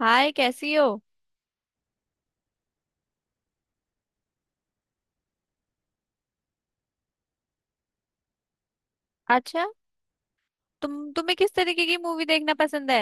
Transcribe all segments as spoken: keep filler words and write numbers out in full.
हाय, कैसी हो। अच्छा। तुम तुम्हें किस तरीके की मूवी देखना पसंद है।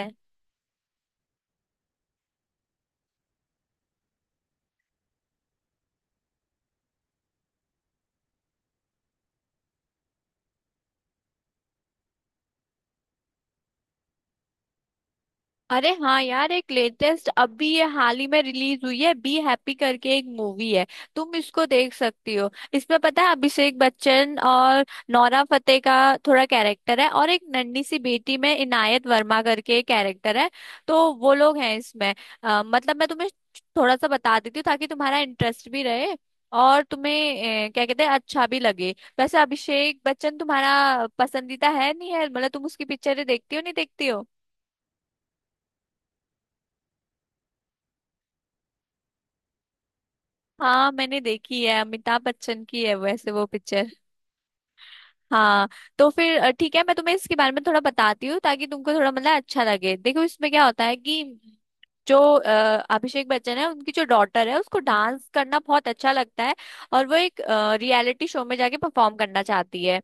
अरे हाँ यार, एक लेटेस्ट अभी ये हाल ही में रिलीज हुई है, बी हैप्पी करके एक मूवी है। तुम इसको देख सकती हो। इसमें पता है अभिषेक बच्चन और नोरा फतेही का थोड़ा कैरेक्टर है, और एक नन्ही सी बेटी में इनायत वर्मा करके कैरेक्टर है। तो वो लोग हैं इसमें। अ, मतलब मैं तुम्हें थोड़ा सा बता देती हूँ ताकि तुम्हारा इंटरेस्ट भी रहे, और तुम्हें अ, क्या कहते हैं अच्छा भी लगे। वैसे अभिषेक बच्चन तुम्हारा पसंदीदा है, नहीं है, मतलब तुम उसकी पिक्चरें देखती हो, नहीं देखती हो। हाँ मैंने देखी है, अमिताभ बच्चन की है वैसे वो पिक्चर। हाँ। तो फिर अ, ठीक है, मैं तुम्हें इसके बारे में थोड़ा बताती हूँ ताकि तुमको थोड़ा मतलब अच्छा लगे। देखो इसमें क्या होता है कि जो अ, अभिषेक बच्चन है, उनकी जो डॉटर है उसको डांस करना बहुत अच्छा लगता है, और वो एक रियलिटी शो में जाके परफॉर्म करना चाहती है।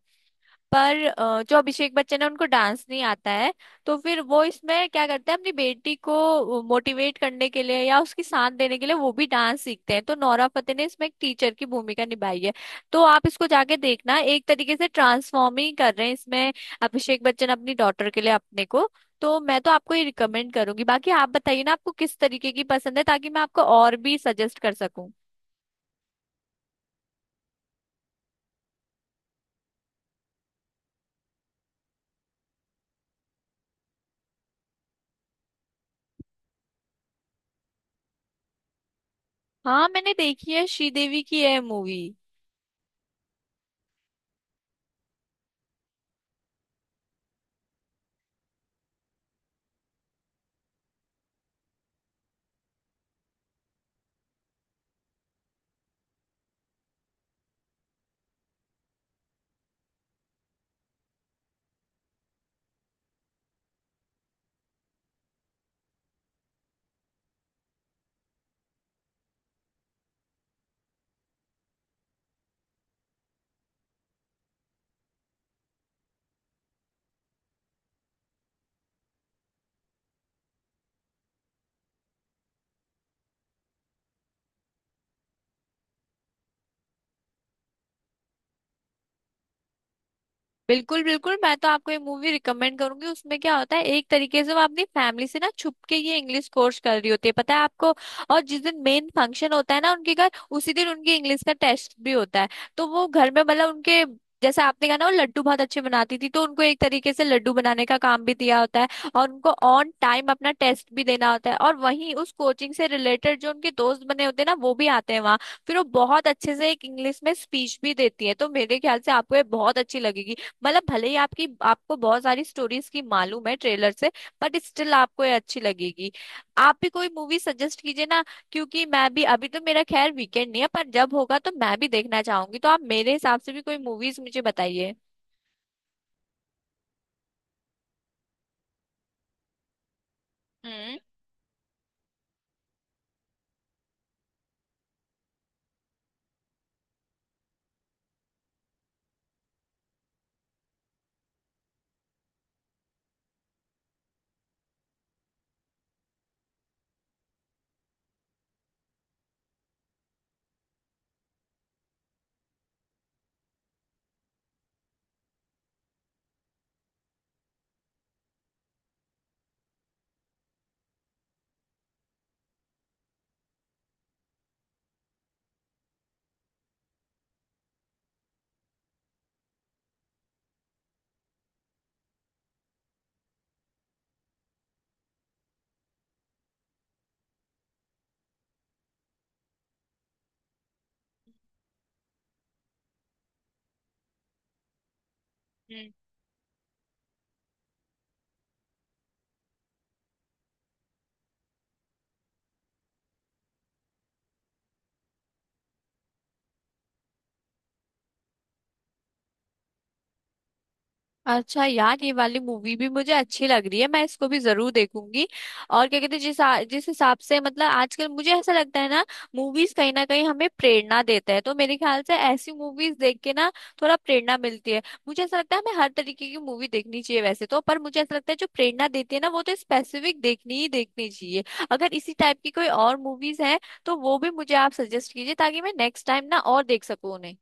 पर अ, जो अभिषेक बच्चन है उनको डांस नहीं आता है। तो फिर वो इसमें क्या करते हैं, अपनी बेटी को मोटिवेट करने के लिए या उसकी साथ देने के लिए वो भी डांस सीखते हैं। तो नोरा फतेही ने इसमें एक टीचर की भूमिका निभाई है। तो आप इसको जाके देखना, एक तरीके से ट्रांसफॉर्म ही कर रहे हैं इसमें अभिषेक बच्चन अपनी डॉटर के लिए अपने को। तो मैं तो आपको ये रिकमेंड करूंगी, बाकी आप बताइए ना आपको किस तरीके की पसंद है ताकि मैं आपको और भी सजेस्ट कर सकूं। हाँ मैंने देखी है, श्रीदेवी की है मूवी। बिल्कुल बिल्कुल, मैं तो आपको ये मूवी रिकमेंड करूंगी। उसमें क्या होता है, एक तरीके से वो अपनी फैमिली से ना छुप के ये इंग्लिश कोर्स कर रही होती है, पता है आपको। और जिस दिन मेन फंक्शन होता है ना उनके घर, उसी दिन उनके इंग्लिश का टेस्ट भी होता है। तो वो घर में मतलब उनके, जैसे आपने कहा ना वो लड्डू बहुत अच्छे बनाती थी, तो उनको एक तरीके से लड्डू बनाने का काम भी दिया होता है, और उनको ऑन टाइम अपना टेस्ट भी देना होता है। और वहीं उस कोचिंग से रिलेटेड जो उनके दोस्त बने होते हैं ना, वो भी आते हैं वहाँ। फिर वो बहुत अच्छे से एक इंग्लिश में स्पीच भी देती है। तो मेरे ख्याल से आपको ये बहुत अच्छी लगेगी। मतलब भले ही आपकी आपको बहुत सारी स्टोरीज की मालूम है ट्रेलर से, बट स्टिल आपको ये अच्छी लगेगी। आप भी कोई मूवी सजेस्ट कीजिए ना, क्योंकि मैं भी अभी तो, मेरा खैर वीकेंड नहीं है, पर जब होगा तो मैं भी देखना चाहूंगी। तो आप मेरे हिसाब से भी कोई मूवीज मुझे बताइए। हम्म। अच्छा यार, ये वाली मूवी भी मुझे अच्छी लग रही है, मैं इसको भी जरूर देखूंगी। और क्या कहते हैं, जिस आ- जिस हिसाब से मतलब, आजकल मुझे ऐसा लगता है ना, मूवीज कहीं ना कहीं हमें प्रेरणा देता है। तो मेरे ख्याल से ऐसी मूवीज देख के ना थोड़ा प्रेरणा मिलती है। मुझे ऐसा लगता है हमें हर तरीके की मूवी देखनी चाहिए वैसे तो, पर मुझे ऐसा लगता है जो प्रेरणा देती है ना, वो तो स्पेसिफिक देखनी ही देखनी चाहिए। अगर इसी टाइप की कोई और मूवीज है तो वो भी मुझे आप सजेस्ट कीजिए, ताकि मैं नेक्स्ट टाइम ना और देख सकूं उन्हें।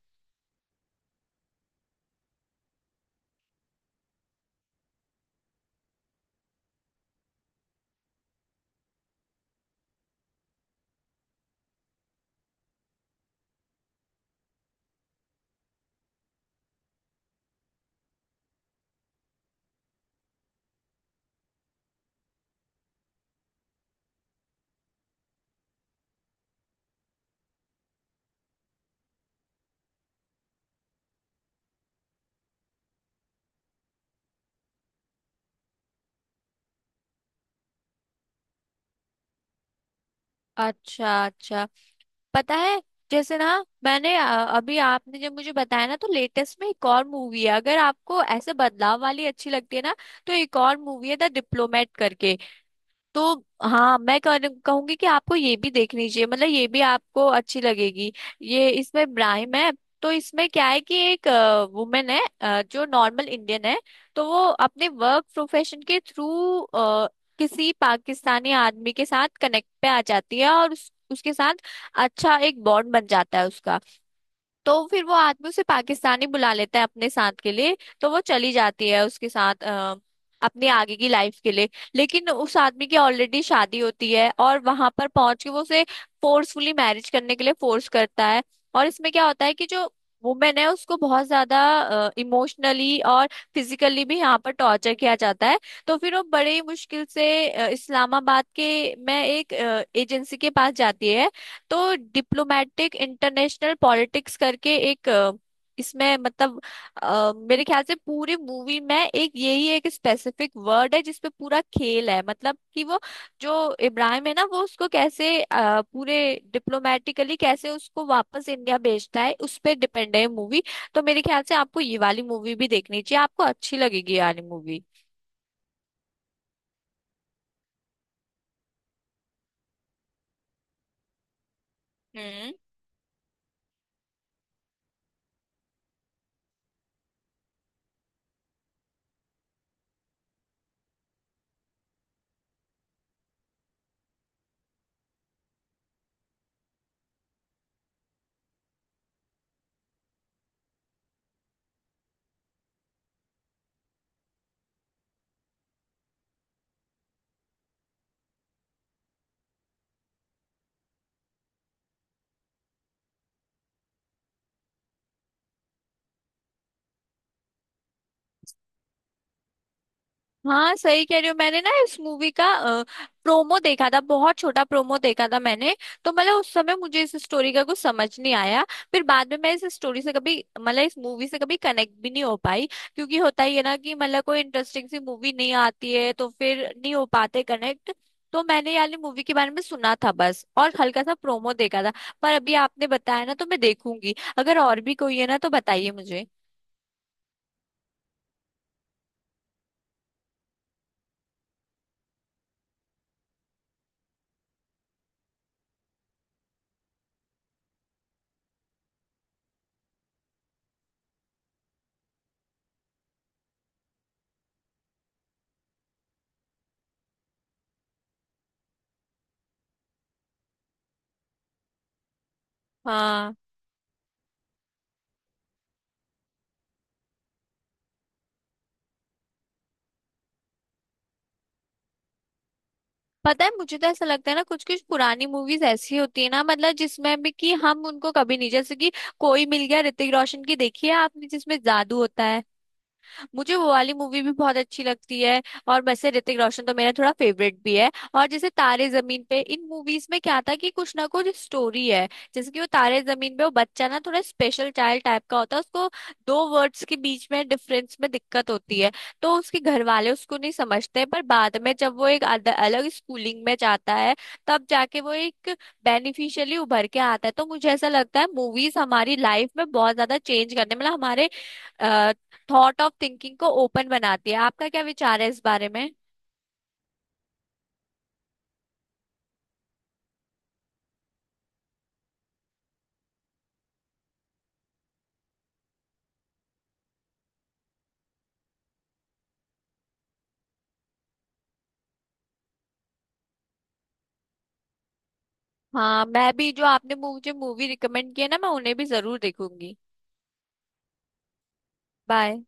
अच्छा अच्छा। पता है जैसे ना, मैंने अ, अभी आपने जब मुझे बताया ना, तो लेटेस्ट में एक और मूवी है, अगर आपको ऐसे बदलाव वाली अच्छी लगती है ना, तो एक और मूवी है, द डिप्लोमेट करके। तो हाँ, मैं कहूं- कहूंगी कि आपको ये भी देखनी चाहिए, मतलब ये भी आपको अच्छी लगेगी। ये इसमें ब्राइम है। तो इसमें क्या है कि एक वुमेन है अ, जो नॉर्मल इंडियन है। तो वो अपने वर्क प्रोफेशन के थ्रू किसी पाकिस्तानी आदमी के साथ कनेक्ट पे आ जाती है, और उस, उसके साथ अच्छा एक बॉन्ड बन जाता है उसका। तो फिर वो आदमी उसे पाकिस्तानी बुला लेता है अपने साथ के लिए, तो वो चली जाती है उसके साथ अ, अपनी आगे की लाइफ के लिए। लेकिन उस आदमी की ऑलरेडी शादी होती है, और वहां पर पहुंच के वो उसे फोर्सफुली मैरिज करने के लिए फोर्स करता है। और इसमें क्या होता है कि जो वुमेन है, उसको बहुत ज्यादा इमोशनली और फिजिकली भी यहाँ पर टॉर्चर किया जाता है। तो फिर वो बड़े ही मुश्किल से अ, इस्लामाबाद के में एक एजेंसी के पास जाती है। तो डिप्लोमेटिक इंटरनेशनल पॉलिटिक्स करके एक अ, इसमें मतलब, अ, मेरे ख्याल से पूरी मूवी में एक यही एक स्पेसिफिक वर्ड है जिसपे पूरा खेल है। मतलब कि वो जो इब्राहिम है ना, वो उसको कैसे अ, पूरे डिप्लोमेटिकली कैसे उसको वापस इंडिया भेजता है, उस पे डिपेंड है मूवी। तो मेरे ख्याल से आपको ये वाली मूवी भी देखनी चाहिए, आपको अच्छी लगेगी ये वाली मूवी। हाँ सही कह रही हो, मैंने ना इस मूवी का प्रोमो देखा था, बहुत छोटा प्रोमो देखा था मैंने। तो मतलब उस समय मुझे इस स्टोरी का कुछ समझ नहीं आया। फिर बाद में मैं इस स्टोरी से कभी मतलब इस मूवी से कभी कनेक्ट भी नहीं हो पाई। क्योंकि होता ही है ना कि मतलब कोई इंटरेस्टिंग सी मूवी नहीं आती है तो फिर नहीं हो पाते कनेक्ट। तो मैंने यानी मूवी के बारे में सुना था बस, और हल्का सा प्रोमो देखा था। पर अभी आपने बताया ना तो मैं देखूंगी। अगर और भी कोई है ना तो बताइए मुझे। हाँ, पता है मुझे तो ऐसा लगता है ना, कुछ कुछ पुरानी मूवीज ऐसी होती है ना, मतलब जिसमें भी कि हम उनको कभी नहीं, जैसे कि कोई मिल गया, ऋतिक रोशन की, देखी है आपने, जिसमें जादू होता है। मुझे वो वाली मूवी भी बहुत अच्छी लगती है, और वैसे ऋतिक रोशन तो मेरा थोड़ा फेवरेट भी है। और जैसे तारे जमीन पे, इन मूवीज में क्या था कि कुछ ना कुछ स्टोरी है। जैसे कि वो तारे जमीन पे, वो बच्चा ना थोड़ा स्पेशल चाइल्ड टाइप का होता है, उसको दो वर्ड्स के बीच में डिफरेंस में दिक्कत होती है। तो उसके घर वाले उसको नहीं समझते, पर बाद में जब वो एक अद- अलग स्कूलिंग में जाता है तब जाके वो एक बेनिफिशियली उभर के आता है। तो मुझे ऐसा लगता है मूवीज हमारी लाइफ में बहुत ज्यादा चेंज करने मतलब हमारे थॉट ऑफ थिंकिंग को ओपन बनाती है। आपका क्या विचार है इस बारे में। हाँ मैं भी, जो आपने मुझे मूवी रिकमेंड किया ना, मैं उन्हें भी जरूर देखूंगी। बाय।